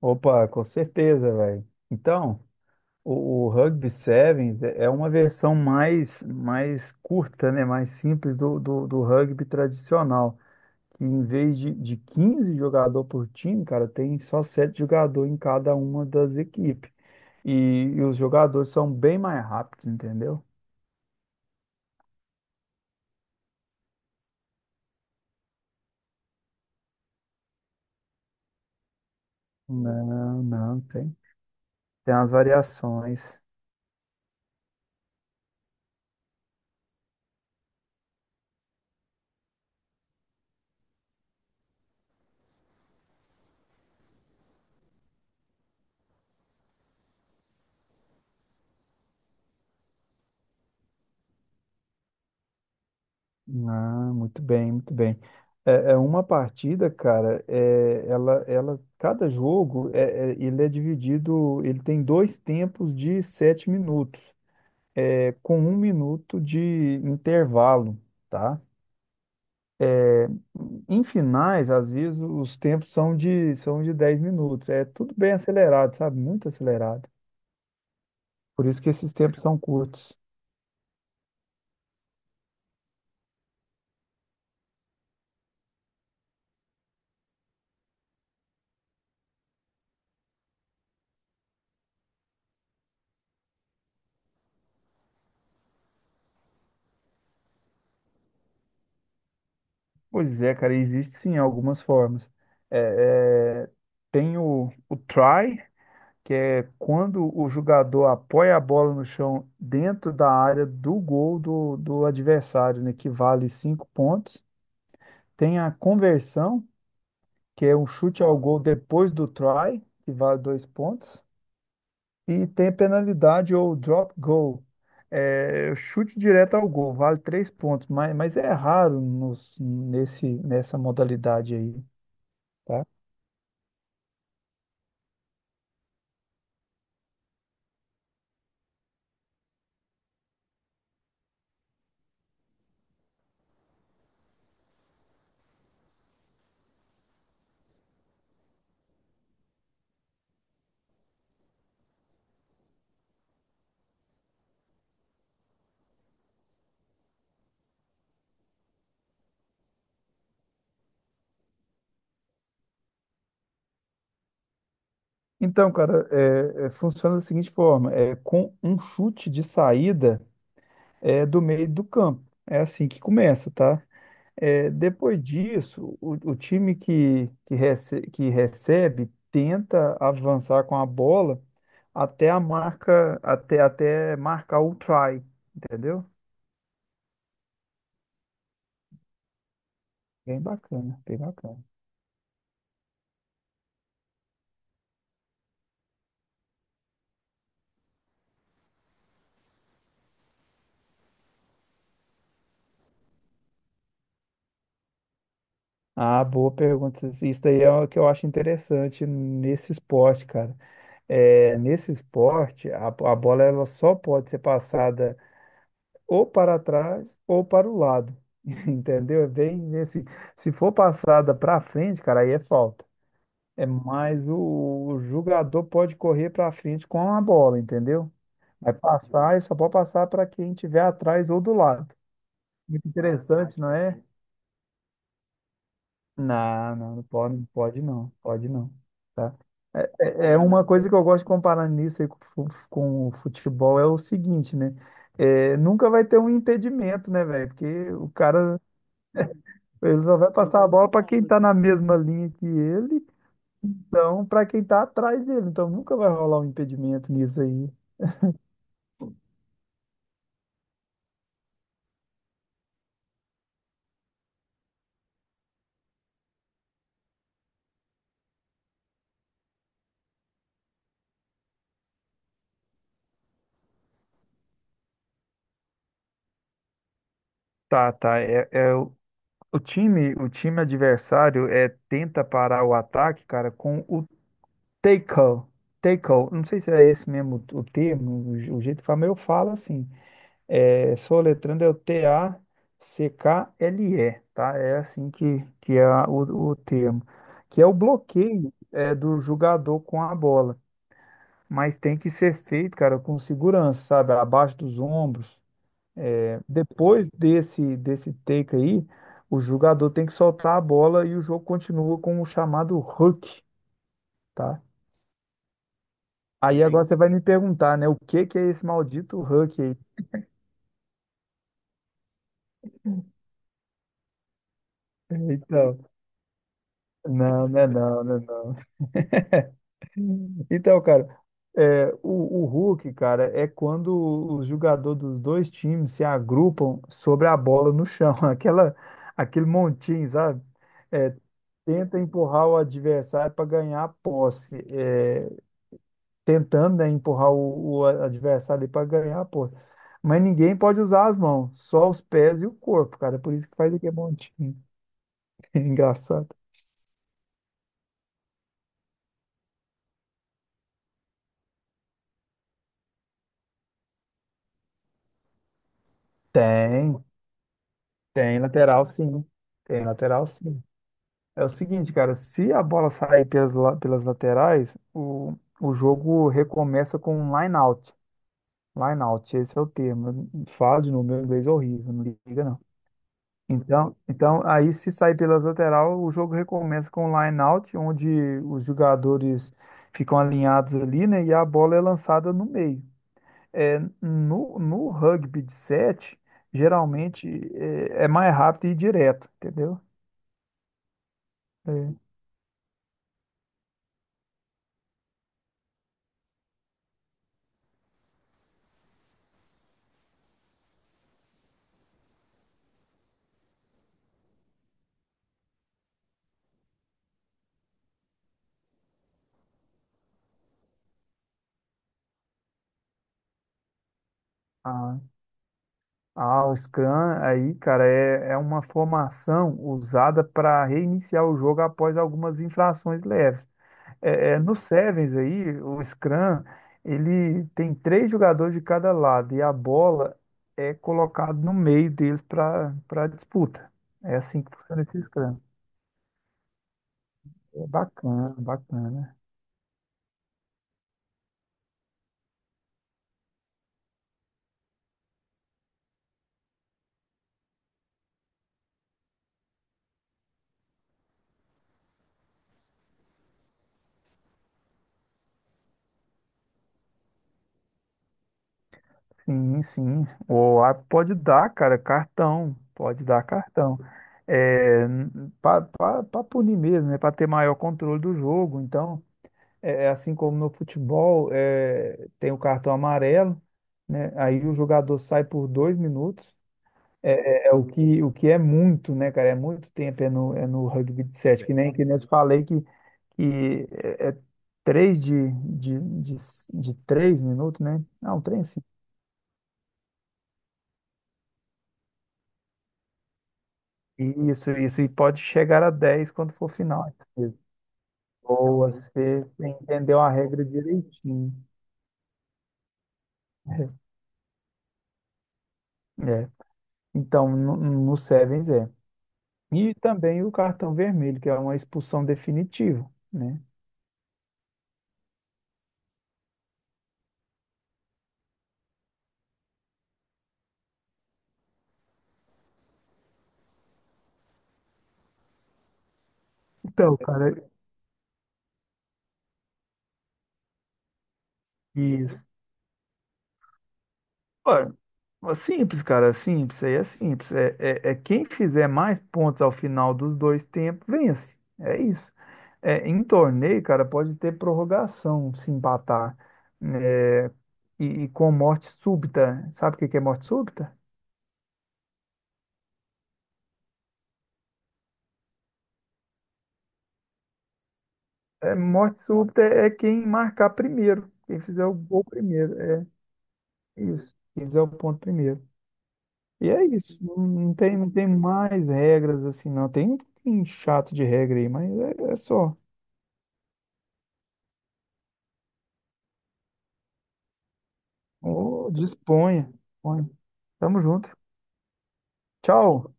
Opa, com certeza, velho. Então, o Rugby Sevens é uma versão mais curta, né? Mais simples do rugby tradicional. Que em vez de 15 jogadores por time, cara, tem só 7 jogadores em cada uma das equipes. E, e os jogadores são bem mais rápidos, entendeu? Não, não, tem. Tem as variações. Ah, muito bem, muito bem. É uma partida, cara, cada jogo, ele é dividido, ele tem dois tempos de 7 minutos, com 1 minuto de intervalo, tá? Em finais, às vezes, os tempos são de 10 minutos. É tudo bem acelerado, sabe? Muito acelerado. Por isso que esses tempos são curtos. Pois é, cara, existe sim algumas formas. É, é, tem o try, que é quando o jogador apoia a bola no chão dentro da área do gol do adversário, né, que vale 5 pontos. Tem a conversão, que é um chute ao gol depois do try, que vale 2 pontos. E tem a penalidade ou drop goal, chute direto ao gol, vale 3 pontos, mas é raro nessa modalidade aí, tá? Então, cara, funciona da seguinte forma: com um chute de saída. Do meio do campo. É assim que começa, tá? Depois disso, o time que recebe tenta avançar com a bola até a marca, até marcar o try, entendeu? Bem bacana, bem bacana. Ah, boa pergunta. Isso daí é o que eu acho interessante nesse esporte, cara. Nesse esporte, a bola ela só pode ser passada ou para trás ou para o lado. Entendeu? É bem nesse. Se for passada para frente, cara, aí é falta. É mais o jogador pode correr para frente com a bola, entendeu? Vai passar e só pode passar para quem estiver atrás ou do lado. Muito interessante, não é? Não, não, não pode, não pode não, pode não. Tá? É uma coisa que eu gosto de comparar nisso aí com o futebol é o seguinte, né? Nunca vai ter um impedimento, né, velho? Porque o cara ele só vai passar a bola para quem está na mesma linha que ele, então para quem está atrás dele. Então nunca vai rolar um impedimento nisso aí. Tá, tá. É o time adversário tenta parar o ataque, cara, com o tackle. Tackle. Não sei se é esse mesmo o termo, o jeito que fala, mas eu falo assim. Soletrando é o Tackle, tá? É assim que é o termo. Que é o bloqueio do jogador com a bola. Mas tem que ser feito, cara, com segurança, sabe? Abaixo dos ombros. Depois desse take aí, o jogador tem que soltar a bola e o jogo continua com o chamado hook, tá? Aí agora você vai me perguntar, né? O que que é esse maldito hook aí? Então, não, não, é não, não, é não. Então, cara, é, o, o hook, cara, é quando os jogadores dos dois times se agrupam sobre a bola no chão, aquele montinho, sabe? É, tenta empurrar o adversário para ganhar a posse, tentando, né, empurrar o adversário para ganhar a posse. Mas ninguém pode usar as mãos, só os pés e o corpo, cara. Por isso que faz aqui é bom. Engraçado. Tem, tem lateral sim. Tem lateral sim. É o seguinte, cara, se a bola sair pelas laterais, o jogo recomeça com um line out. Line out, esse é o termo. Fala de novo, meu inglês é horrível, não liga não. Então, aí se sair pelas lateral, o jogo recomeça com um line-out, onde os jogadores ficam alinhados ali, né? E a bola é lançada no meio. No rugby de sete, geralmente é mais rápido e direto, entendeu? É. Ah, ah, o Scrum aí, cara, é uma formação usada para reiniciar o jogo após algumas infrações leves. No Sevens aí, o Scrum, ele tem três jogadores de cada lado e a bola é colocada no meio deles para disputa. É assim que funciona esse Scrum. É bacana, bacana. Sim, sim. O árbitro pode dar, cara, cartão. Pode dar cartão. É, para punir mesmo, né? Para ter maior controle do jogo. Então, é assim como no futebol, tem o cartão amarelo, né? Aí o jogador sai por 2 minutos. O que é muito, né, cara? É muito tempo, é no rugby de sete, que nem eu te falei que é três de 3 minutos, né? Não, três sim. Isso, e pode chegar a 10 quando for final. Boa, você entendeu a regra direitinho. É. Então, no Sevens é. E também o cartão vermelho, que é uma expulsão definitiva, né? Então, cara, isso. Olha, é simples, cara, é simples, aí é simples. Quem fizer mais pontos ao final dos dois tempos, vence. É isso. Em torneio, cara, pode ter prorrogação se empatar. É, e com morte súbita. Sabe o que que é morte súbita? Morte súbita é quem marcar primeiro. Quem fizer o gol primeiro. É isso. Quem fizer o ponto primeiro. E é isso, não tem, não tem mais regras assim, não. Tem um pouquinho chato de regra aí, mas é só. Ô, disponha, disponha. Tamo junto. Tchau.